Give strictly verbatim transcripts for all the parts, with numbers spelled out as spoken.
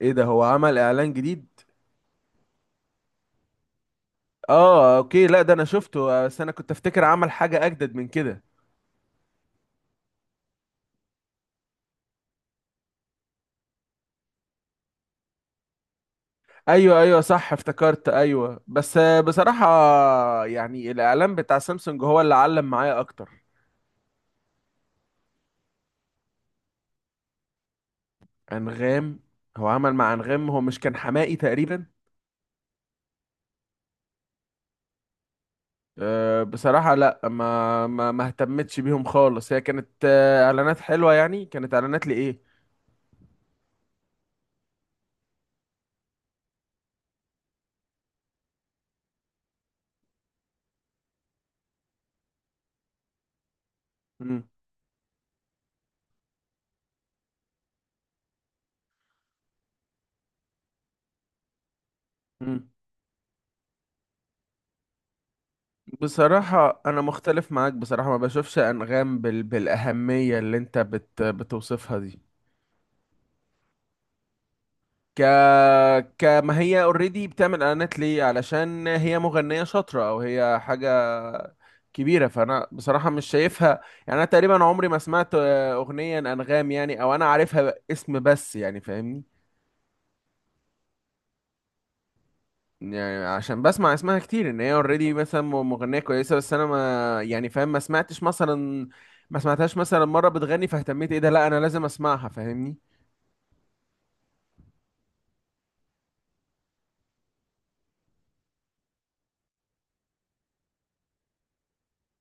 ايه ده؟ هو عمل اعلان جديد؟ اه، اوكي. لا، ده انا شفته، بس انا كنت افتكر عمل حاجة اجدد من كده. ايوه، ايوه، صح، افتكرت، ايوه، بس آه، بصراحة يعني الاعلان بتاع سامسونج هو اللي علم معايا اكتر. انغام؟ هو عمل مع انغام؟ هو مش كان حماقي تقريبا؟ أه، بصراحة لا، ما ما ما اهتمتش بيهم خالص. هي كانت آه، اعلانات حلوة يعني، كانت اعلانات لايه. مم. مم. بصراحة أنا مختلف معاك. بصراحة ما بشوفش أنغام بال... بالأهمية اللي أنت بت... بتوصفها دي. ك... كما هي اوريدي بتعمل إعلانات ليه؟ علشان هي مغنية شاطرة أو هي حاجة كبيرة؟ فأنا بصراحة مش شايفها. يعني أنا تقريبا عمري ما سمعت آه، أغنية أنغام يعني، أو أنا عارفها اسم بس، يعني فاهمني. يعني عشان بسمع اسمها كتير ان هي اوريدي مثلا م- مغنيه كويسه، بس انا ما، يعني فاهم، ما سمعتش مثلا، ما سمعتهاش مثلا مره بتغني، فاهتميت ايه ده، لا انا لازم اسمعها، فاهمني.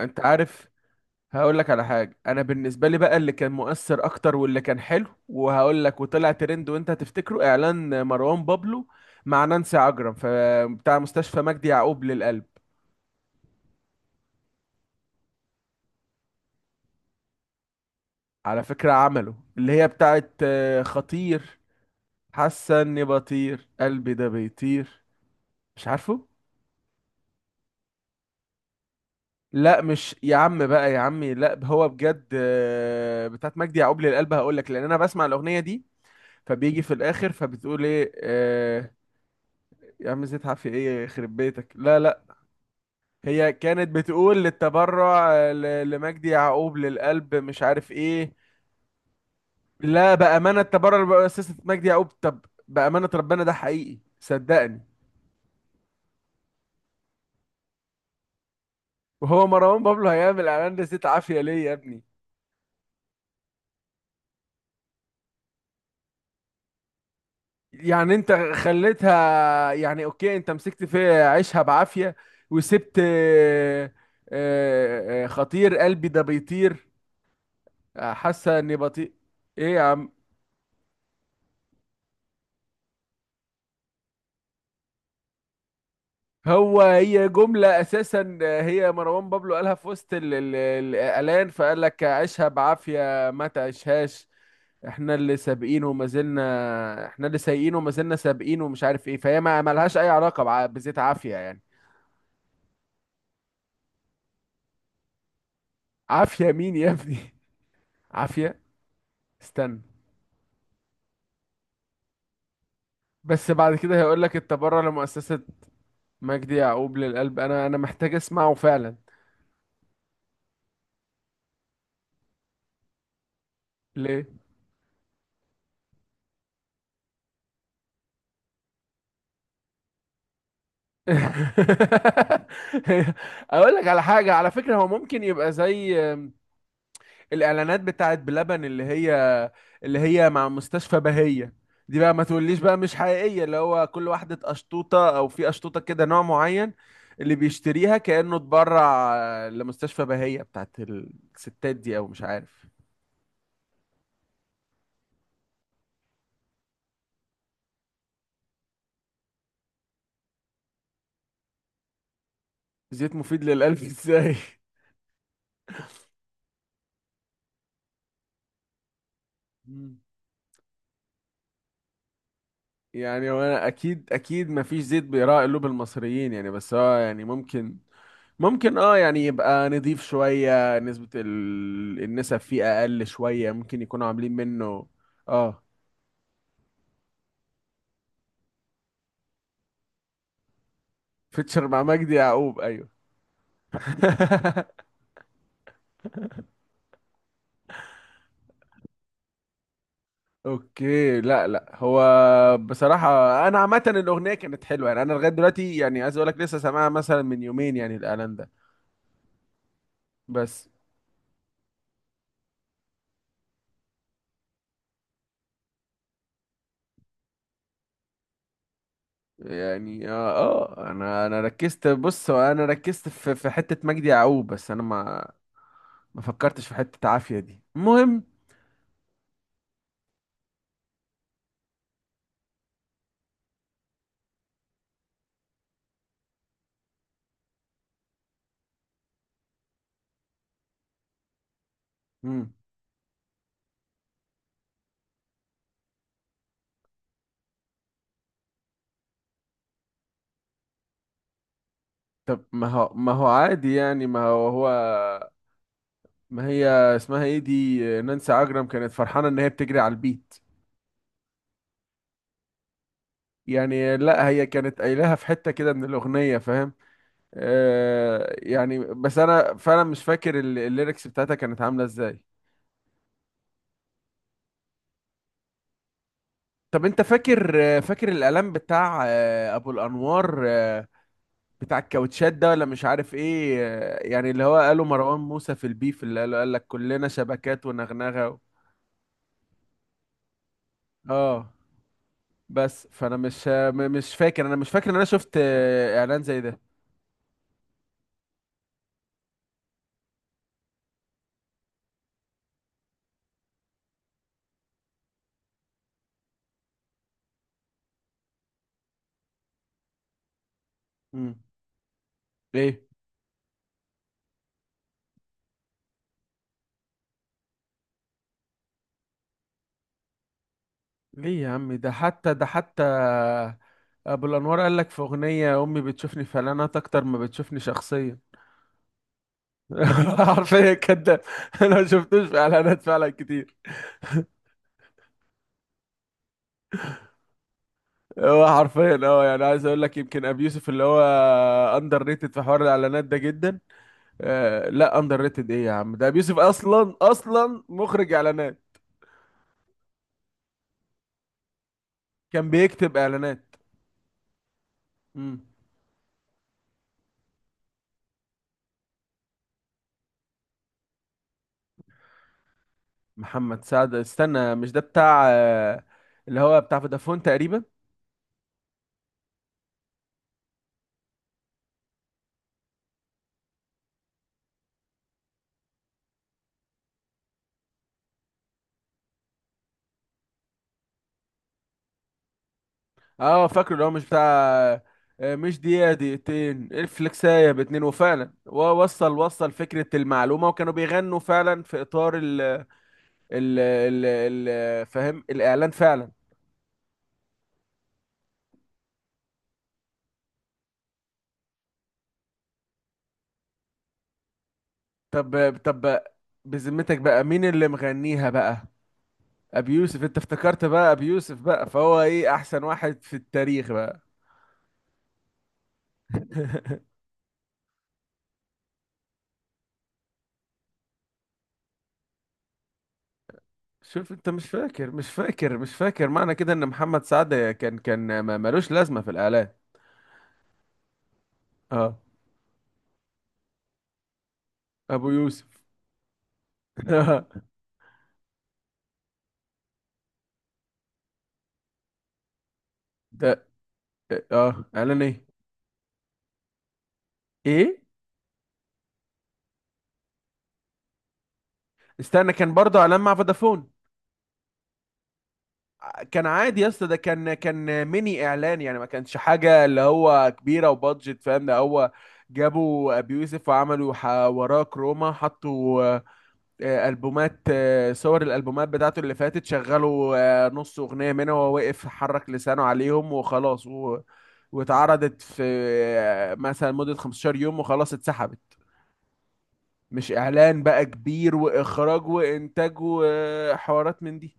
انت عارف، هقول لك على حاجه. انا بالنسبه لي بقى، اللي كان مؤثر اكتر واللي كان حلو، وهقول لك وطلع ترند وانت هتفتكره، اعلان مروان بابلو مع نانسي عجرم، ف- بتاع مستشفى مجدي يعقوب للقلب. على فكره عمله اللي هي بتاعت آه، خطير، حاسه اني بطير، قلبي ده بيطير، مش عارفه. لا، مش يا عم بقى، يا عمي لا، هو بجد آه، بتاعت مجدي يعقوب للقلب. هقول لك، لان انا بسمع الاغنيه دي فبيجي في الاخر فبتقول ايه آه، يا عم؟ زيد عافيه ايه يخرب بيتك؟ لا لا، هي كانت بتقول للتبرع آه، ل- لمجدي يعقوب للقلب، مش عارف ايه. لا، بامانه، التبرع لمؤسسه مجدي يعقوب. طب بامانه، ربنا ده حقيقي، صدقني. وهو مروان بابلو هيعمل اعلان لزيت عافيه ليه يا ابني؟ يعني انت خليتها، يعني اوكي، انت مسكت في عيشها بعافية وسبت آه، آه، آه، خطير قلبي ده بيطير، آه، حاسة اني بطيء. ايه يا عم؟ هو هي جملة اساسا آه، هي مروان بابلو قالها في وسط ال- ال- الاعلان، فقال لك عيشها بعافية ما تعيشهاش، احنا اللي سابقين وما زلنا، احنا اللي سايقين وما زلنا سابقين ومش عارف ايه. فهي ما ملهاش اي علاقة بع- بزيت عافية يعني. عافية مين يا ابني؟ عافية؟ استنى. بس بعد كده هيقول لك انت بره، لمؤسسة مجدي يعقوب للقلب. انا انا محتاج اسمعه فعلا. ليه؟ اقول لك على حاجة، على فكرة، هو ممكن يبقى زي الاعلانات بتاعت بلبن اللي هي، اللي هي مع مستشفى بهية. دي بقى ما تقوليش بقى مش حقيقية، اللي هو كل واحدة قشطوطة، او في قشطوطة كده نوع معين اللي بيشتريها كأنه اتبرع لمستشفى بهية بتاعت الستات دي، او مش عارف. زيت مفيد للقلب ازاي؟ يعني هو انا اكيد، اكيد مفيش زيت بيراعي قلوب المصريين يعني. بس هو يعني ممكن، ممكن اه، يعني يبقى نضيف، شوية نسبة ال... النسب فيه اقل شوية، ممكن يكونوا عاملين منه. اه. فيتشر مع مجدي يعقوب، ايوه. اوكي، لا لا، هو بصراحة انا عامة الاغنية كانت حلوة يعني، انا لغاية دلوقتي يعني عايز اقول لك، لسه سامعها مثلا من يومين يعني الاعلان ده. بس يعني اه، آه، انا انا ركزت، بص، هو انا ركزت في في حته مجدي يعقوب، بس انا ما، ما فكرتش في حته عافيه دي، المهم. مم. طب ما هو، ما هو عادي يعني، ما هو هو، ما هي اسمها ايه دي، نانسي عجرم، كانت فرحانه ان هي بتجري على البيت. يعني لا، هي كانت قايلها في حته كده من الاغنيه، فاهم؟ آه يعني، بس انا فعلا مش فاكر ال- الليركس بتاعتها كانت عامله ازاي. طب انت فاكر، فاكر الاعلان بتاع آه، ابو الانوار آه، بتاع الكاوتشات ده ولا مش عارف ايه؟ آه، يعني اللي هو قاله مروان موسى في البيف، اللي قاله قال لك كلنا شبكات ونغنغه و... اه، بس فانا مش م- مش فاكر، انا مش فاكر ان انا شفت آه، اعلان زي ده. امم ليه؟ ليه يا عم؟ ده حتى، ده حتى ابو الانوار قال لك في اغنيه، امي بتشوفني في اعلانات اكتر ما بتشوفني شخصيا. عارفين كده. انا ما شفتوش في اعلانات فعلا كتير. هو حرفيا اه، يعني عايز اقول لك، يمكن ابي يوسف اللي هو اندر ريتد في حوار الاعلانات ده جدا. آه لا، اندر ريتد ايه يا عم؟ ده ابي يوسف اصلا، اصلا مخرج اعلانات، كان بيكتب اعلانات. مم. محمد سعد؟ استنى، مش ده بتاع آه اللي هو بتاع فودافون تقريبا؟ اه فاكره، اللي هو مش بتاع آه مش دقيقة دقيقتين الفلكساية باتنين، وفعلا ووصل، وصل فكرة المعلومة، وكانوا بيغنوا فعلا في اطار ال ال ال ال- فاهم الاعلان فعلا. طب، طب، بذمتك بقى مين اللي مغنيها بقى؟ ابي يوسف؟ انت افتكرت بقى ابي يوسف بقى، فهو ايه، احسن واحد في التاريخ بقى؟ شوف انت، مش فاكر مش فاكر مش فاكر معنى كده ان محمد سعد كان، كان ما- ملوش لازمة في الاعلان. اه. ابو يوسف. ده؟ اه، اعلان ايه؟ ايه؟ استنى، كان برضه اعلان مع فودافون؟ كان عادي يا اسطى، ده كان، كان ميني اعلان يعني، ما كانش حاجه اللي هو كبيره وبادجت. فاهم ده؟ هو جابوا ابي يوسف وعملوا ح- وراه كروما، حطوا آه، آه، البومات آه، صور الالبومات بتاعته اللي فاتت، شغلوا آه، نص اغنيه منها وهو واقف حرك لسانه عليهم وخلاص، و... واتعرضت في آه، مثلا مده خمستاشر يوم وخلاص اتسحبت، مش اعلان بقى كبير واخراج وانتاج وحوارات من دي.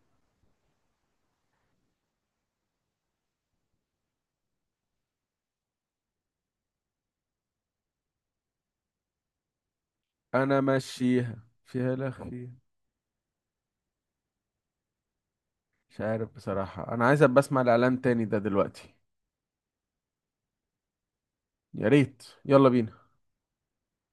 انا ماشيها فيها لخ فيها. مش عارف بصراحة، انا عايز ابقى اسمع الاعلان تاني ده دلوقتي. يا ريت، يلا بينا.